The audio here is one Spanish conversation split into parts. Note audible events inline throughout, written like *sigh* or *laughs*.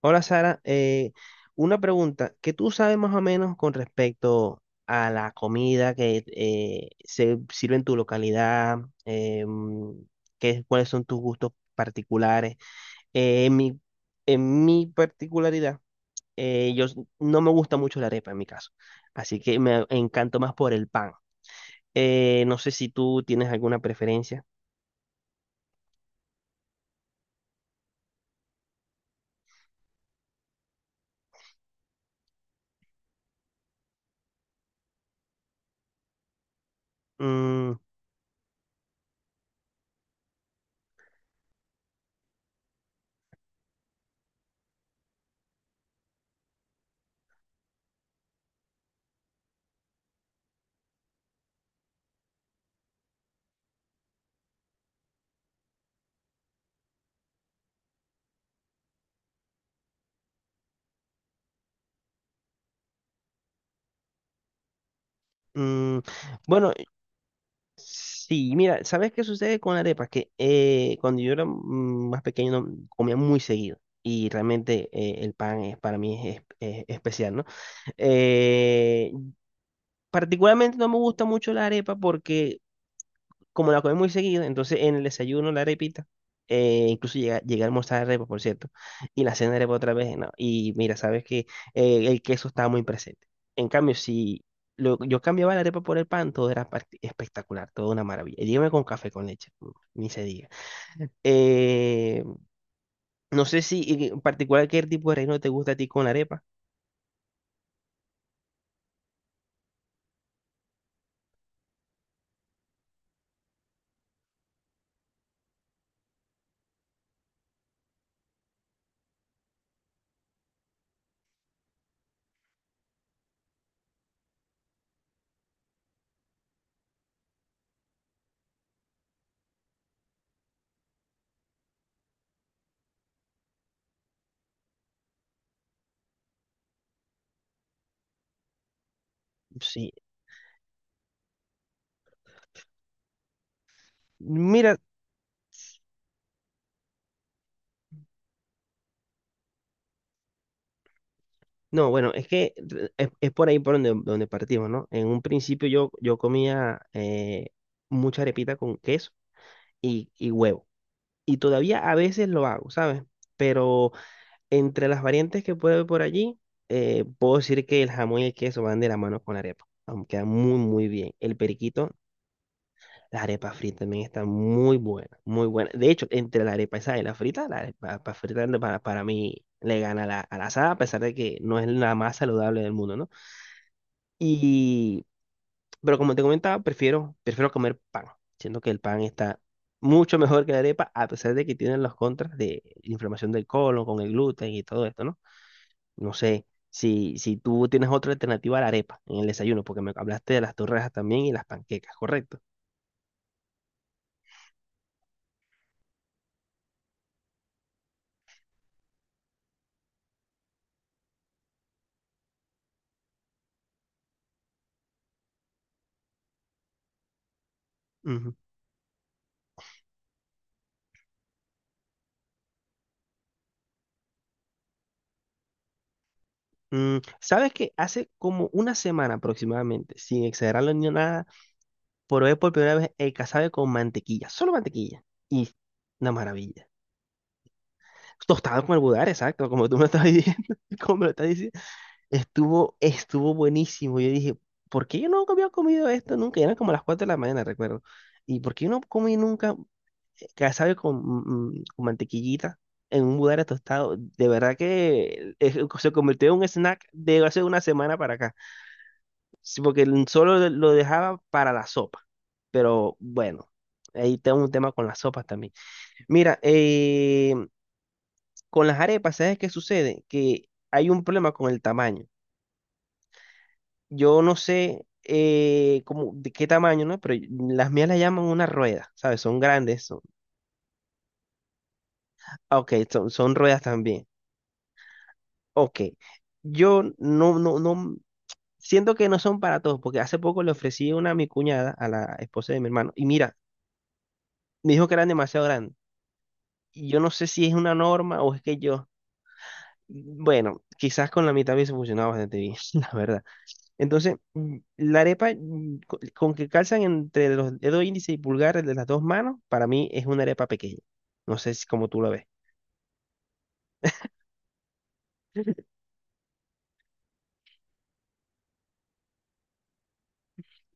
Hola Sara, una pregunta, ¿qué tú sabes más o menos con respecto a la comida que se sirve en tu localidad? Eh, mm, ¿ cuáles son tus gustos particulares? Eh, en mi, en mi particularidad, no me gusta mucho la arepa en mi caso, así que me encanto más por el pan. No sé si tú tienes alguna preferencia. Mm, mm, bueno, sí, mira, ¿sabes qué sucede con la arepa? Que cuando yo era más pequeño no, comía muy seguido y realmente el pan es, para mí es especial, ¿no? Eh, particularmente no me gusta mucho la arepa porque como la comí muy seguido, entonces en el desayuno la arepita, incluso llegué a almorzar arepa, por cierto, y la cena arepa otra vez, no, y mira, sabes que el queso estaba muy presente. En cambio, si yo cambiaba la arepa por el pan, todo era espectacular, todo una maravilla. Y dígame con café con leche, ni se diga. Eh, no sé si en particular qué tipo de relleno te gusta a ti con la arepa. Sí. Mira, no, bueno, es que es por ahí por donde, donde partimos, ¿no? En un principio yo comía mucha arepita con queso y huevo. Y todavía a veces lo hago, ¿sabes? Pero entre las variantes que puedo ver por allí, puedo decir que el jamón y el queso van de la mano con la arepa. Aunque queda muy, muy bien. El periquito, la arepa frita también está muy buena, muy buena. De hecho, entre la arepa esa y la frita, la arepa frita para mí le gana a a la asada, a pesar de que no es la más saludable del mundo, ¿no? Y, pero como te comentaba, prefiero comer pan. Siento que el pan está mucho mejor que la arepa, a pesar de que tienen los contras de inflamación del colon con el gluten y todo esto, ¿no? No sé si tú tienes otra alternativa a la arepa en el desayuno, porque me hablaste de las torrejas también y las panquecas, ¿correcto? Ujú. Mm, ¿sabes que hace como una semana aproximadamente, sin exagerarlo ni nada, probé por primera vez el casabe con mantequilla, solo mantequilla? Y una maravilla. Tostado con el budar, exacto, como tú me estás diciendo, *laughs* como me lo estás diciendo, estuvo, estuvo buenísimo. Yo dije, ¿por qué yo no había comido esto nunca? Y eran como las 4 de la mañana, recuerdo. ¿Y por qué yo no comí nunca casabe con, con mantequillita en un budare tostado? De verdad que se convirtió en un snack de hace una semana para acá. Sí, porque solo lo dejaba para la sopa. Pero bueno, ahí tengo un tema con las sopas también. Mira, con las arepas, ¿sabes qué sucede? Que hay un problema con el tamaño. Yo no sé cómo, de qué tamaño, ¿no? Pero las mías las llaman una rueda, ¿sabes? Son grandes. Son, ah, ok, son, son ruedas también. Ok. Yo no siento que no son para todos, porque hace poco le ofrecí una a mi cuñada, a la esposa de mi hermano, y mira, me dijo que eran demasiado grandes. Y yo no sé si es una norma o es que yo, bueno, quizás con la mitad hubiese funcionado bastante bien, *laughs* la verdad. Entonces, la arepa con que calzan entre los dedos índice y pulgar de las dos manos, para mí es una arepa pequeña. No sé si como tú lo ves.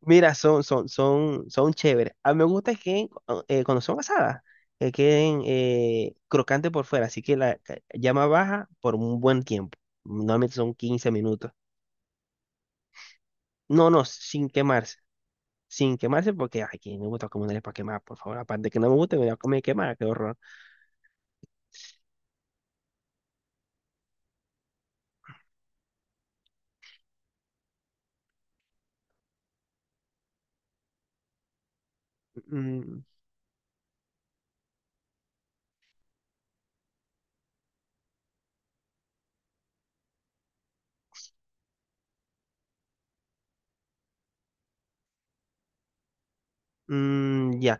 Mira, son chéveres. A mí me gusta que cuando son asadas, que queden crocantes por fuera, así que la llama baja por un buen tiempo. Normalmente son 15 minutos. No, no, sin quemarse. Sin quemarse porque ay, que no me gusta comer una arepa quemada, por favor. Aparte que no me gusta, me voy a comer quemada, qué horror. Mm, ya.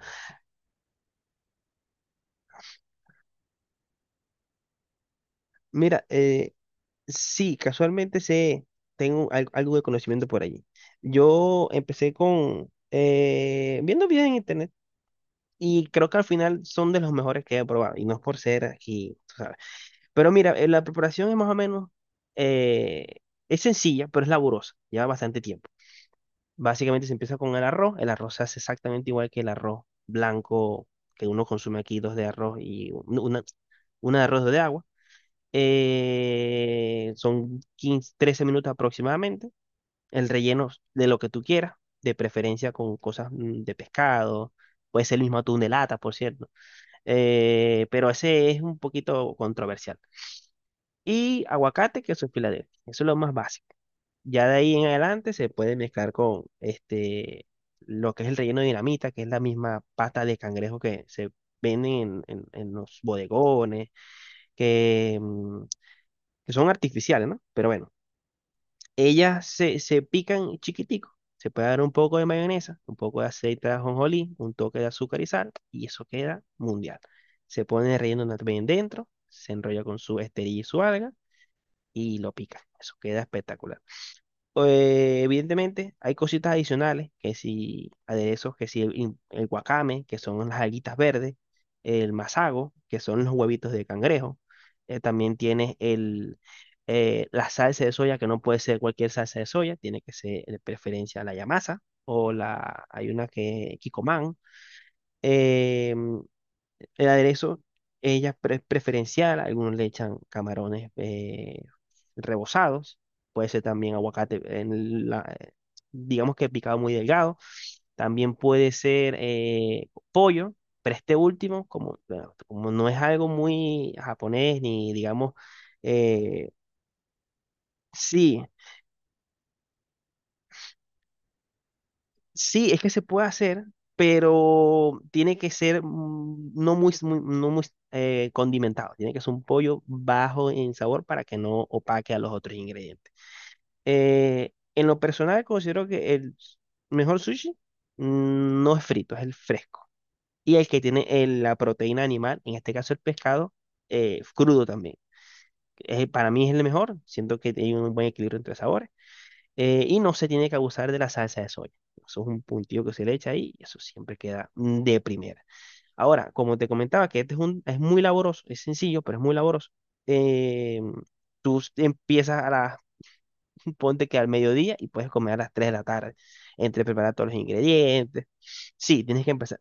Mira, sí, casualmente sé, tengo algo de conocimiento por allí. Yo empecé con viendo videos en internet y creo que al final son de los mejores que he probado y no es por ser aquí, tú sabes. Pero mira, la preparación es más o menos, eh, es sencilla, pero es laburosa, lleva bastante tiempo. Básicamente se empieza con el arroz se hace exactamente igual que el arroz blanco que uno consume aquí, dos de arroz y una de arroz de agua, son 15, 13 minutos aproximadamente. El relleno de lo que tú quieras, de preferencia con cosas de pescado. Puede ser el mismo atún de lata, por cierto. Pero ese es un poquito controversial. Y aguacate, queso en Filadelfia. Eso es lo más básico. Ya de ahí en adelante se puede mezclar con este, lo que es el relleno de dinamita, que es la misma pata de cangrejo que se venden en los bodegones, que, mm, que son artificiales, ¿no? Pero bueno. Ellas se pican chiquitico. Se puede dar un poco de mayonesa, un poco de aceite de ajonjolí, un toque de azúcar y sal, y eso queda mundial. Se pone el relleno también dentro, se enrolla con su esterilla y su alga, y lo pican. Eso queda espectacular. Evidentemente, hay cositas adicionales, que si aderezos, que si el guacame, que son las alguitas verdes, el masago, que son los huevitos de cangrejo. También tienes la salsa de soya, que no puede ser cualquier salsa de soya, tiene que ser de preferencia la yamasa o la, hay una que es Kikkoman. El aderezo, preferencial, algunos le echan camarones rebozados, puede ser también aguacate, en digamos que picado muy delgado, también puede ser pollo, pero este último, como, bueno, como no es algo muy japonés, ni digamos, eh, sí, sí, es que se puede hacer, pero tiene que ser no muy condimentado. Tiene que ser un pollo bajo en sabor para que no opaque a los otros ingredientes. En lo personal, considero que mejor sushi no es frito, es el fresco. Y el que tiene la proteína animal, en este caso el pescado, crudo también. Para mí es el mejor. Siento que hay un buen equilibrio entre sabores. Y no se tiene que abusar de la salsa de soya. Eso es un puntillo que se le echa ahí y eso siempre queda de primera. Ahora, como te comentaba, que este es muy laboroso, es sencillo, pero es muy laboroso. eh, tú empiezas a *laughs* ponte que al mediodía y puedes comer a las 3 de la tarde, entre preparar todos los ingredientes. Sí, tienes que empezar,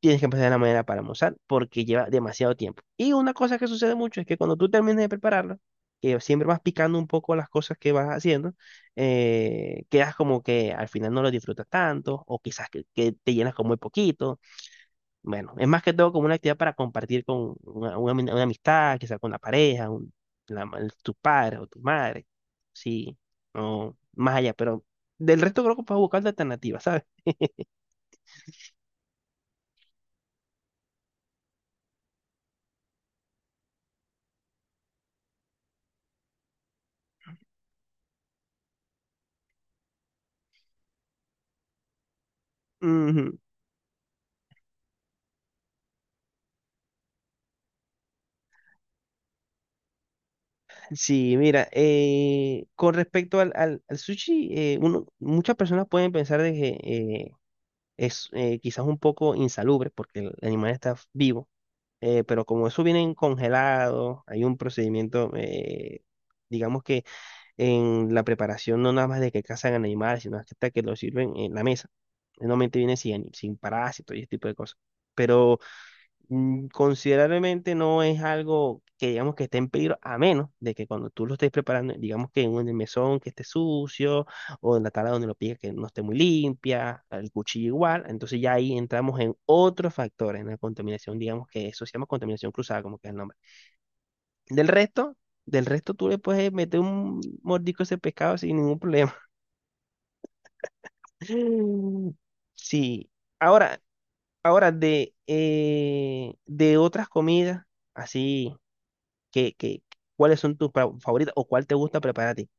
tienes que empezar de la mañana para almorzar porque lleva demasiado tiempo. Y una cosa que sucede mucho es que cuando tú termines de prepararlo, que siempre vas picando un poco las cosas que vas haciendo, quedas como que al final no lo disfrutas tanto o quizás que te llenas con muy poquito. Bueno, es más que todo como una actividad para compartir con una amistad, quizás con la pareja, tus padres o tu madre, sí, o más allá, pero del resto creo que puedes buscar alternativas, ¿sabes? Ujú. Sí, mira, con respecto al sushi, uno, muchas personas pueden pensar de que es quizás un poco insalubre porque el animal está vivo, pero como eso viene congelado, hay un procedimiento, digamos que en la preparación no nada más de que cazan al animal, sino hasta que lo sirven en la mesa. Normalmente viene sin parásitos y ese tipo de cosas. Pero considerablemente no es algo que digamos que esté en peligro, a menos de que cuando tú lo estés preparando, digamos que en un mesón que esté sucio, o en la tabla donde lo piques que no esté muy limpia, el cuchillo igual, entonces ya ahí entramos en otros factores, en la contaminación, digamos que eso se llama contaminación cruzada, como que es el nombre. Del resto, del resto tú le puedes meter un mordisco a ese pescado sin ningún problema. *laughs* Sí. Ahora, de otras comidas, así. ¿Qué, qué, ¿cuáles son tus favoritas o cuál te gusta preparar a ti?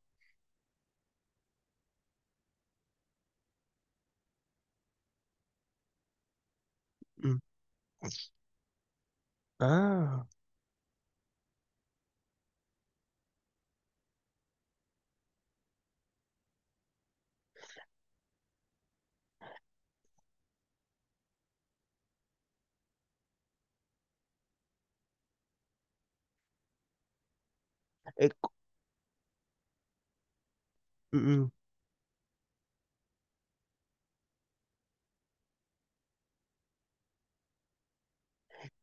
Mm, ah, eh, co- mm, mm,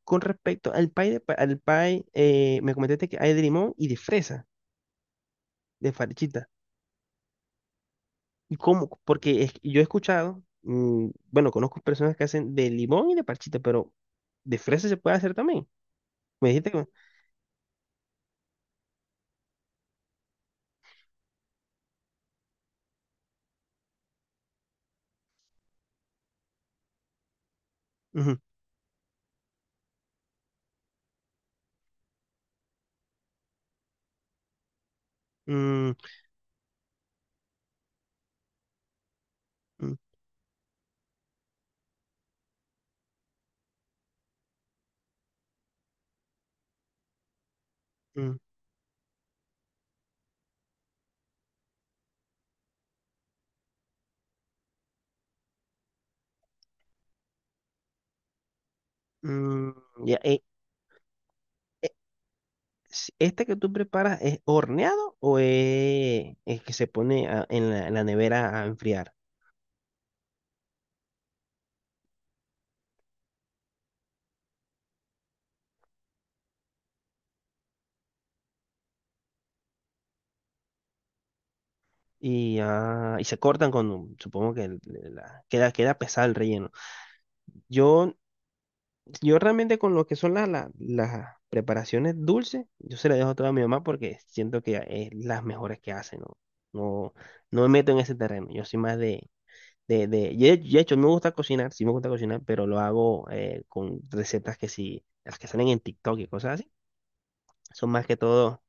con respecto al pie, al pie, me comentaste que hay de limón y de fresa, de farchita. ¿Y cómo? Porque yo he escuchado, mm, bueno, conozco personas que hacen de limón y de parchita, pero de fresa se puede hacer también. Me dijiste que... Ujú, mm, mm, mm, mm, ya, eh, ¿este que tú preparas es horneado o es que se pone en en la nevera a enfriar? Y, ah, y se cortan con, supongo que queda, queda pesado el relleno. Yo, yo realmente con lo que son las preparaciones dulces, yo se las dejo todas a mi mamá porque siento que es las mejores que hace, ¿no? No, no me meto en ese terreno. Yo soy más de hecho me gusta cocinar, sí me gusta cocinar, pero lo hago con recetas que sí, las que salen en TikTok y cosas así. Son más que todo.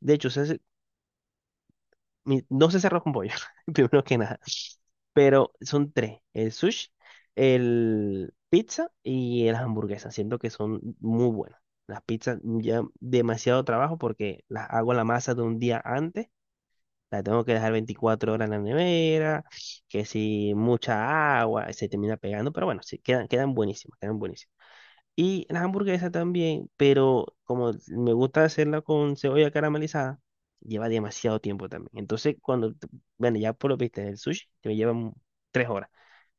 De hecho, ¿sabes, no se cerró con pollo, *laughs* primero que nada? Pero son tres, el sushi, el pizza y las hamburguesas. Siento que son muy buenas. Las pizzas ya demasiado trabajo porque las hago la masa de un día antes. La tengo que dejar 24 horas en la nevera, que si mucha agua, se termina pegando, pero bueno, sí, quedan, quedan buenísimas, quedan buenísimas. Y la hamburguesa también, pero como me gusta hacerla con cebolla caramelizada, lleva demasiado tiempo también. Entonces, bueno, ya por lo viste, el sushi te me lleva 3 horas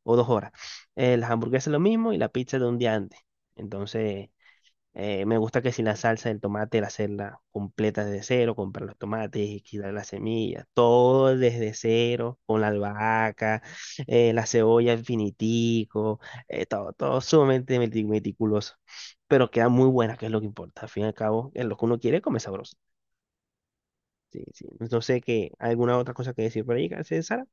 o 2 horas. Las hamburguesas lo mismo y la pizza de un día antes. Entonces, me gusta que si la salsa del tomate, la hacerla completa desde cero, comprar los tomates, quitar las semillas, todo desde cero, con la albahaca, la cebolla infinitico, todo, todo sumamente meticuloso. Pero queda muy buena, que es lo que importa. Al fin y al cabo, es lo que uno quiere, come sabroso. Sí, sí. No sé qué, alguna otra cosa que decir por ahí, ¿sí, Sara?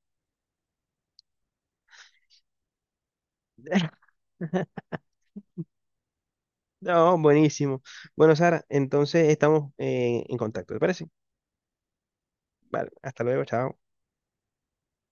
*laughs* No, buenísimo. Bueno, Sara, entonces estamos en contacto, ¿te parece? Vale, hasta luego, chao.